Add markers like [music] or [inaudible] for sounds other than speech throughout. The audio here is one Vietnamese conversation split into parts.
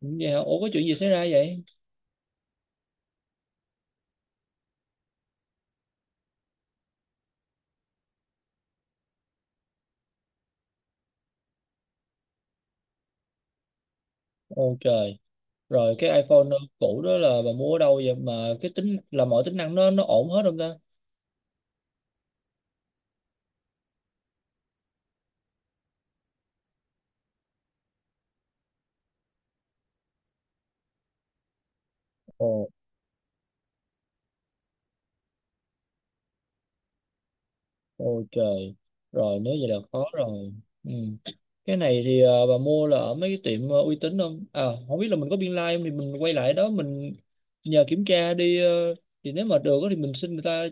Dạ, ủa có chuyện gì xảy ra vậy? Ôi trời, rồi cái iPhone cũ đó là bà mua ở đâu vậy mà cái tính là mọi tính năng nó ổn hết không ta? Ồ, ôi trời, rồi nếu vậy là khó rồi. Ừ. Cái này thì bà mua là ở mấy cái tiệm uy tín không? À, không biết là mình có biên lai không thì mình quay lại đó mình nhờ kiểm tra đi thì nếu mà được á thì mình xin người ta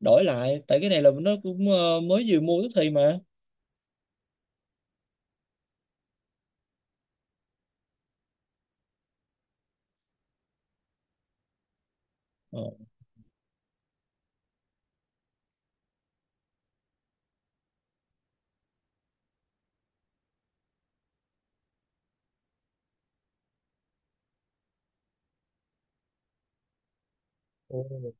đổi lại tại cái này là nó cũng mới vừa mua tức thì mà. Ồ,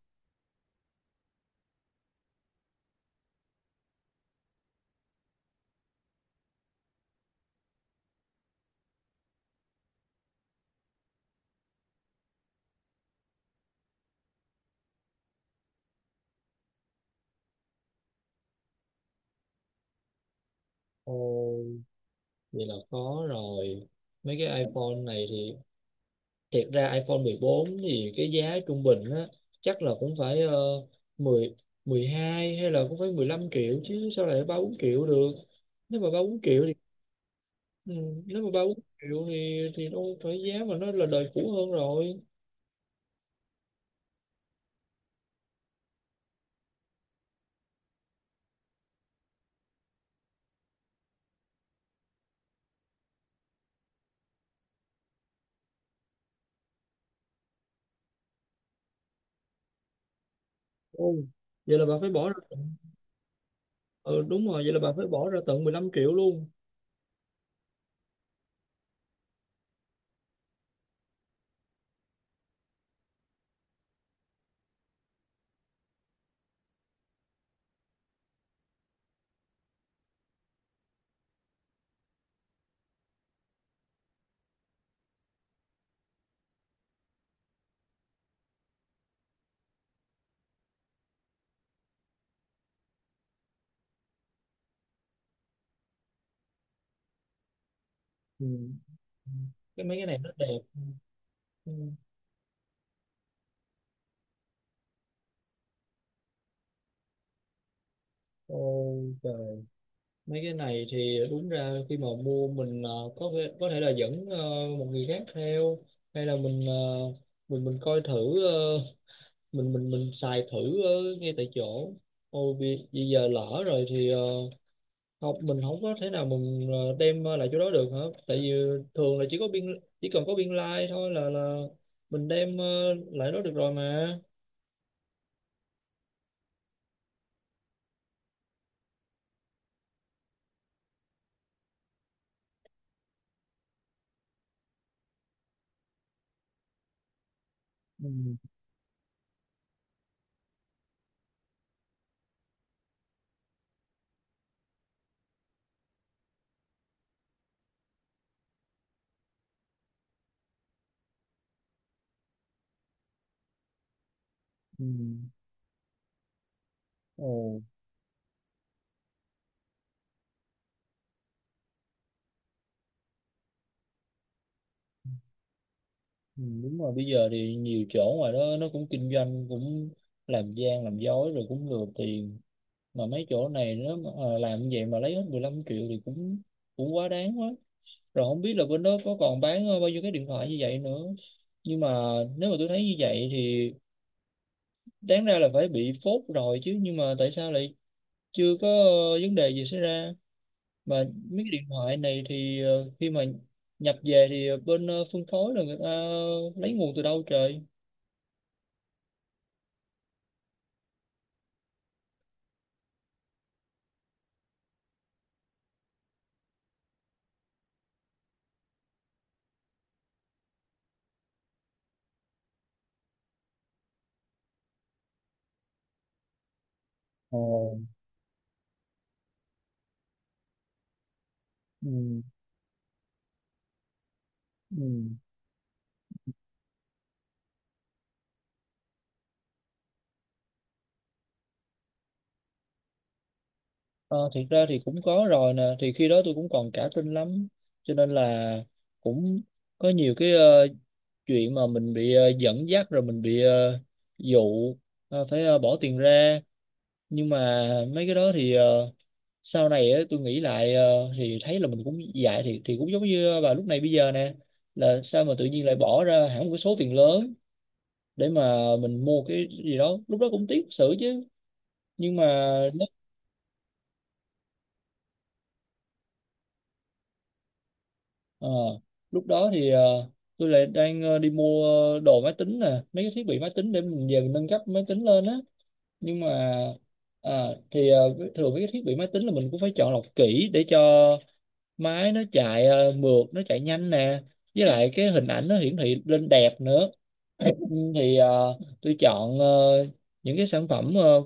ồ, vậy là có rồi. Mấy cái iPhone này thì thiệt ra iPhone 14 thì cái giá trung bình á chắc là cũng phải 10 12 hay là cũng phải 15 triệu chứ sao lại 3 4 triệu được. Nếu mà 3 4 triệu thì ừ, nếu mà 3 4 triệu thì nó phải giá mà nó là đời cũ hơn rồi. Ồ, vậy là bà phải bỏ ra. Ừ, đúng rồi, vậy là bà phải bỏ ra tận 15 triệu luôn. Ừ. Cái mấy cái này nó đẹp. Ừ. Ừ. Ôi trời, mấy cái này thì đúng ra khi mà mua mình có thể là dẫn một người khác theo hay là mình mình coi thử mình xài thử ờ, ngay tại chỗ. Ôi vì giờ lỡ rồi thì không, mình không có thể nào mình đem lại chỗ đó được hả, tại vì thường là chỉ cần có biên lai thôi là mình đem lại đó được rồi mà. Ừ. Ừ. Ồ. Ừ, đúng rồi, bây giờ thì nhiều chỗ ngoài đó nó cũng kinh doanh cũng làm gian làm dối rồi cũng lừa tiền. Mà mấy chỗ này nó mà làm như vậy mà lấy hết 15 triệu thì cũng cũng quá đáng quá. Rồi không biết là bên đó có còn bán bao nhiêu cái điện thoại như vậy nữa, nhưng mà nếu mà tôi thấy như vậy thì đáng ra là phải bị phốt rồi chứ, nhưng mà tại sao lại chưa có vấn đề gì xảy ra mà mấy cái điện thoại này thì khi mà nhập về thì bên phân phối là người ta lấy nguồn từ đâu trời. Ờ, ừ, ừ. Ờ, thiệt ra thì cũng có rồi nè, thì khi đó tôi cũng còn cả tin lắm cho nên là cũng có nhiều cái chuyện mà mình bị dẫn dắt rồi mình bị dụ phải bỏ tiền ra. Nhưng mà mấy cái đó thì sau này á, tôi nghĩ lại thì thấy là mình cũng dại, thì cũng giống như bà lúc này bây giờ nè, là sao mà tự nhiên lại bỏ ra hẳn một cái số tiền lớn để mà mình mua cái gì đó, lúc đó cũng tiếc sự chứ. Nhưng mà ờ, lúc đó thì tôi lại đang đi mua đồ máy tính nè, mấy cái thiết bị máy tính để mình về mình nâng cấp máy tính lên á. Nhưng mà à, thì thường mấy cái thiết bị máy tính là mình cũng phải chọn lọc kỹ để cho máy nó chạy mượt, nó chạy nhanh nè. Với lại cái hình ảnh nó hiển thị lên đẹp nữa. [clears throat] Ừ, thì tôi chọn những cái sản phẩm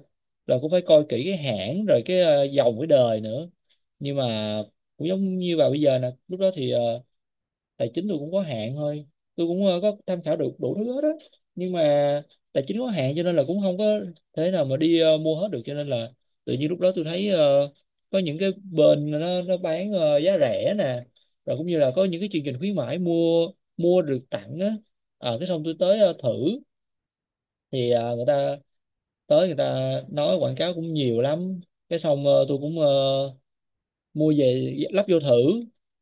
là cũng phải coi kỹ cái hãng rồi cái dòng cái đời nữa. Nhưng mà cũng giống như vào bây giờ nè, lúc đó thì tài chính tôi cũng có hạn thôi, tôi cũng có tham khảo được đủ thứ hết á, nhưng mà tài chính có hạn cho nên là cũng không có thế nào mà đi mua hết được, cho nên là tự nhiên lúc đó tôi thấy có những cái bên nó bán giá rẻ nè, rồi cũng như là có những cái chương trình khuyến mãi mua mua được tặng á. Ờ, cái xong tôi tới thử thì người ta nói quảng cáo cũng nhiều lắm, cái xong tôi cũng mua về lắp vô thử,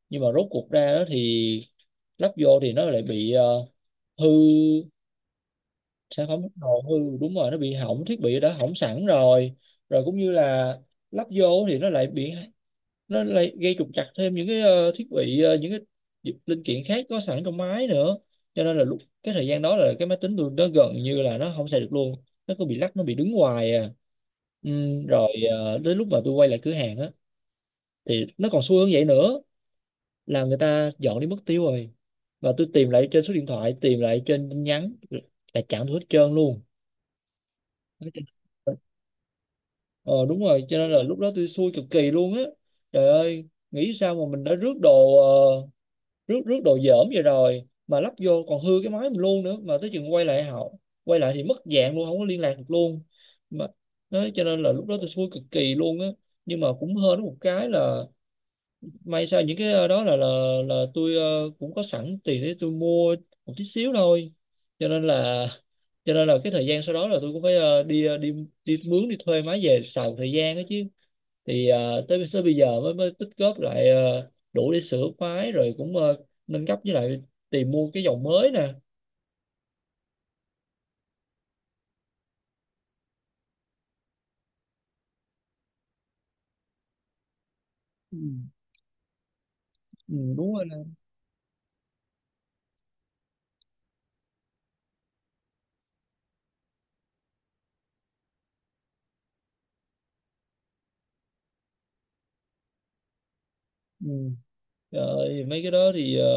nhưng mà rốt cuộc ra đó thì lắp vô thì nó lại bị hư sản phẩm, đồ hư đúng rồi, nó bị hỏng, thiết bị đã hỏng sẵn rồi. Rồi cũng như là lắp vô thì nó lại bị, nó lại gây trục trặc thêm những cái thiết bị những cái linh kiện khác có sẵn trong máy nữa, cho nên là lúc cái thời gian đó là cái máy tính tôi nó gần như là nó không xài được luôn, nó cứ bị lắc, nó bị đứng hoài à, ừ, rồi tới lúc mà tôi quay lại cửa hàng á thì nó còn xui hơn vậy nữa, là người ta dọn đi mất tiêu rồi và tôi tìm lại trên số điện thoại, tìm lại trên tin nhắn là chẳng thấy hết trơn luôn. Ờ Đúng rồi, cho nên là lúc đó tôi xui cực kỳ luôn á. Trời ơi, nghĩ sao mà mình đã rước đồ rước rước đồ dởm vậy rồi mà lắp vô còn hư cái máy mình luôn nữa, mà tới chừng quay lại quay lại thì mất dạng luôn, không có liên lạc được luôn mà. Đó, cho nên là lúc đó tôi xui cực kỳ luôn á, nhưng mà cũng hên có một cái là may sao những cái đó là tôi cũng có sẵn tiền để tôi mua một tí xíu thôi, cho nên là [laughs] cho nên là cái thời gian sau đó là tôi cũng phải đi đi đi mướn đi thuê máy về xài một thời gian đó chứ, thì tới tới bây giờ mới mới tích góp lại đủ để sửa máy rồi cũng nâng cấp, với lại tìm mua cái dòng mới nè. Ừ, ừ, đúng rồi nè. Ừ. Rồi, mấy cái đó thì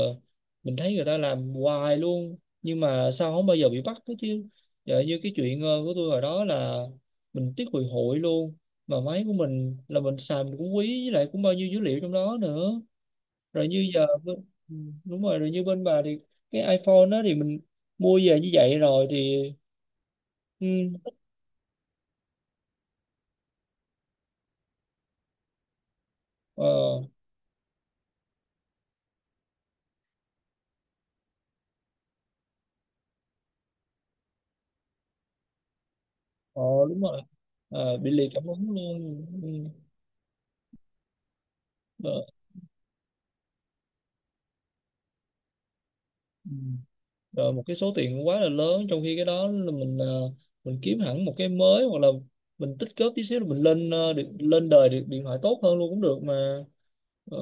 mình thấy người ta làm hoài luôn nhưng mà sao không bao giờ bị bắt hết chứ. Giờ như cái chuyện của tôi hồi đó là mình tiếc hồi hội luôn, mà máy của mình là mình xài mình cũng quý, với lại cũng bao nhiêu dữ liệu trong đó nữa, rồi như giờ ừ, đúng rồi. Rồi như bên bà thì cái iPhone đó thì mình mua về như vậy rồi thì ừ, ờ, ờ, đúng rồi. Ờ, bị liệt cảm ứng luôn ừ, ờ, ừ, rồi một cái số tiền quá là lớn, trong khi cái đó là mình mình kiếm hẳn một cái mới hoặc là mình tích góp tí xíu rồi mình lên lên đời điện thoại tốt hơn luôn cũng được mà. Ờ,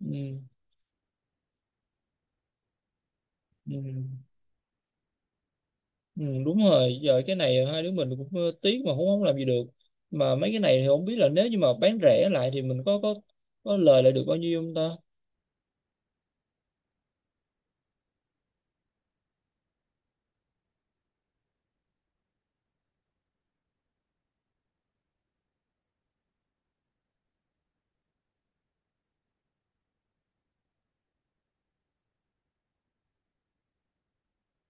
ừ, ừ, ừ, đúng rồi. Giờ cái này hai đứa mình cũng tiếc mà cũng không làm gì được, mà mấy cái này thì không biết là nếu như mà bán rẻ lại thì mình có có lời lại được bao nhiêu không ta.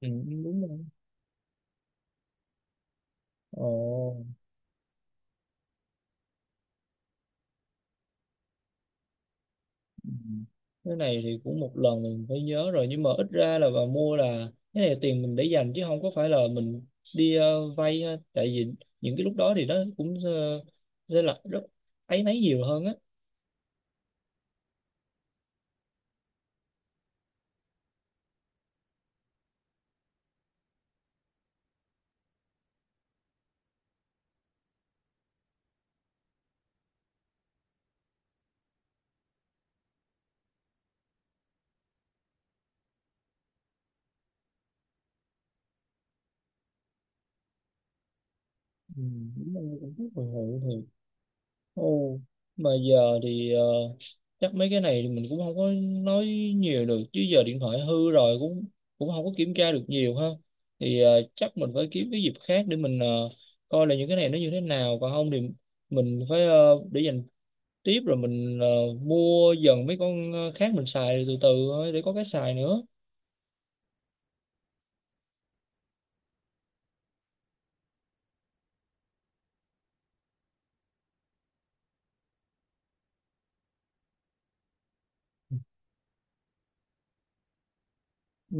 Ừ, đúng rồi. Ồ, cái này thì cũng một lần mình phải nhớ rồi, nhưng mà ít ra là bà mua là cái này là tiền mình để dành chứ không có phải là mình đi vay ha. Tại vì những cái lúc đó thì nó cũng sẽ là rất áy náy nhiều hơn á. Ừ, đúng là cũng rất hồi hộp thì. Ồ, mà giờ thì chắc mấy cái này thì mình cũng không có nói nhiều được chứ, giờ điện thoại hư rồi cũng cũng không có kiểm tra được nhiều ha. Thì chắc mình phải kiếm cái dịp khác để mình coi là những cái này nó như thế nào, còn không thì mình phải để dành tiếp rồi mình mua dần mấy con khác, mình xài từ từ thôi để có cái xài nữa. Ừ.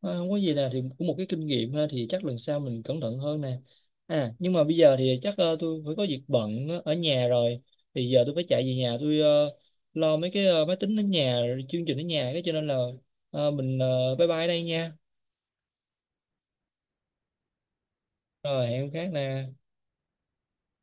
Ờ, không có gì nè, thì cũng một cái kinh nghiệm ha, thì chắc lần sau mình cẩn thận hơn nè. À, nhưng mà bây giờ thì chắc tôi phải có việc bận ở nhà rồi. Thì giờ tôi phải chạy về nhà, tôi lo mấy cái máy tính ở nhà, rồi chương trình ở nhà cái, cho nên là mình bye bye đây nha. Rồi, hẹn hôm khác nè.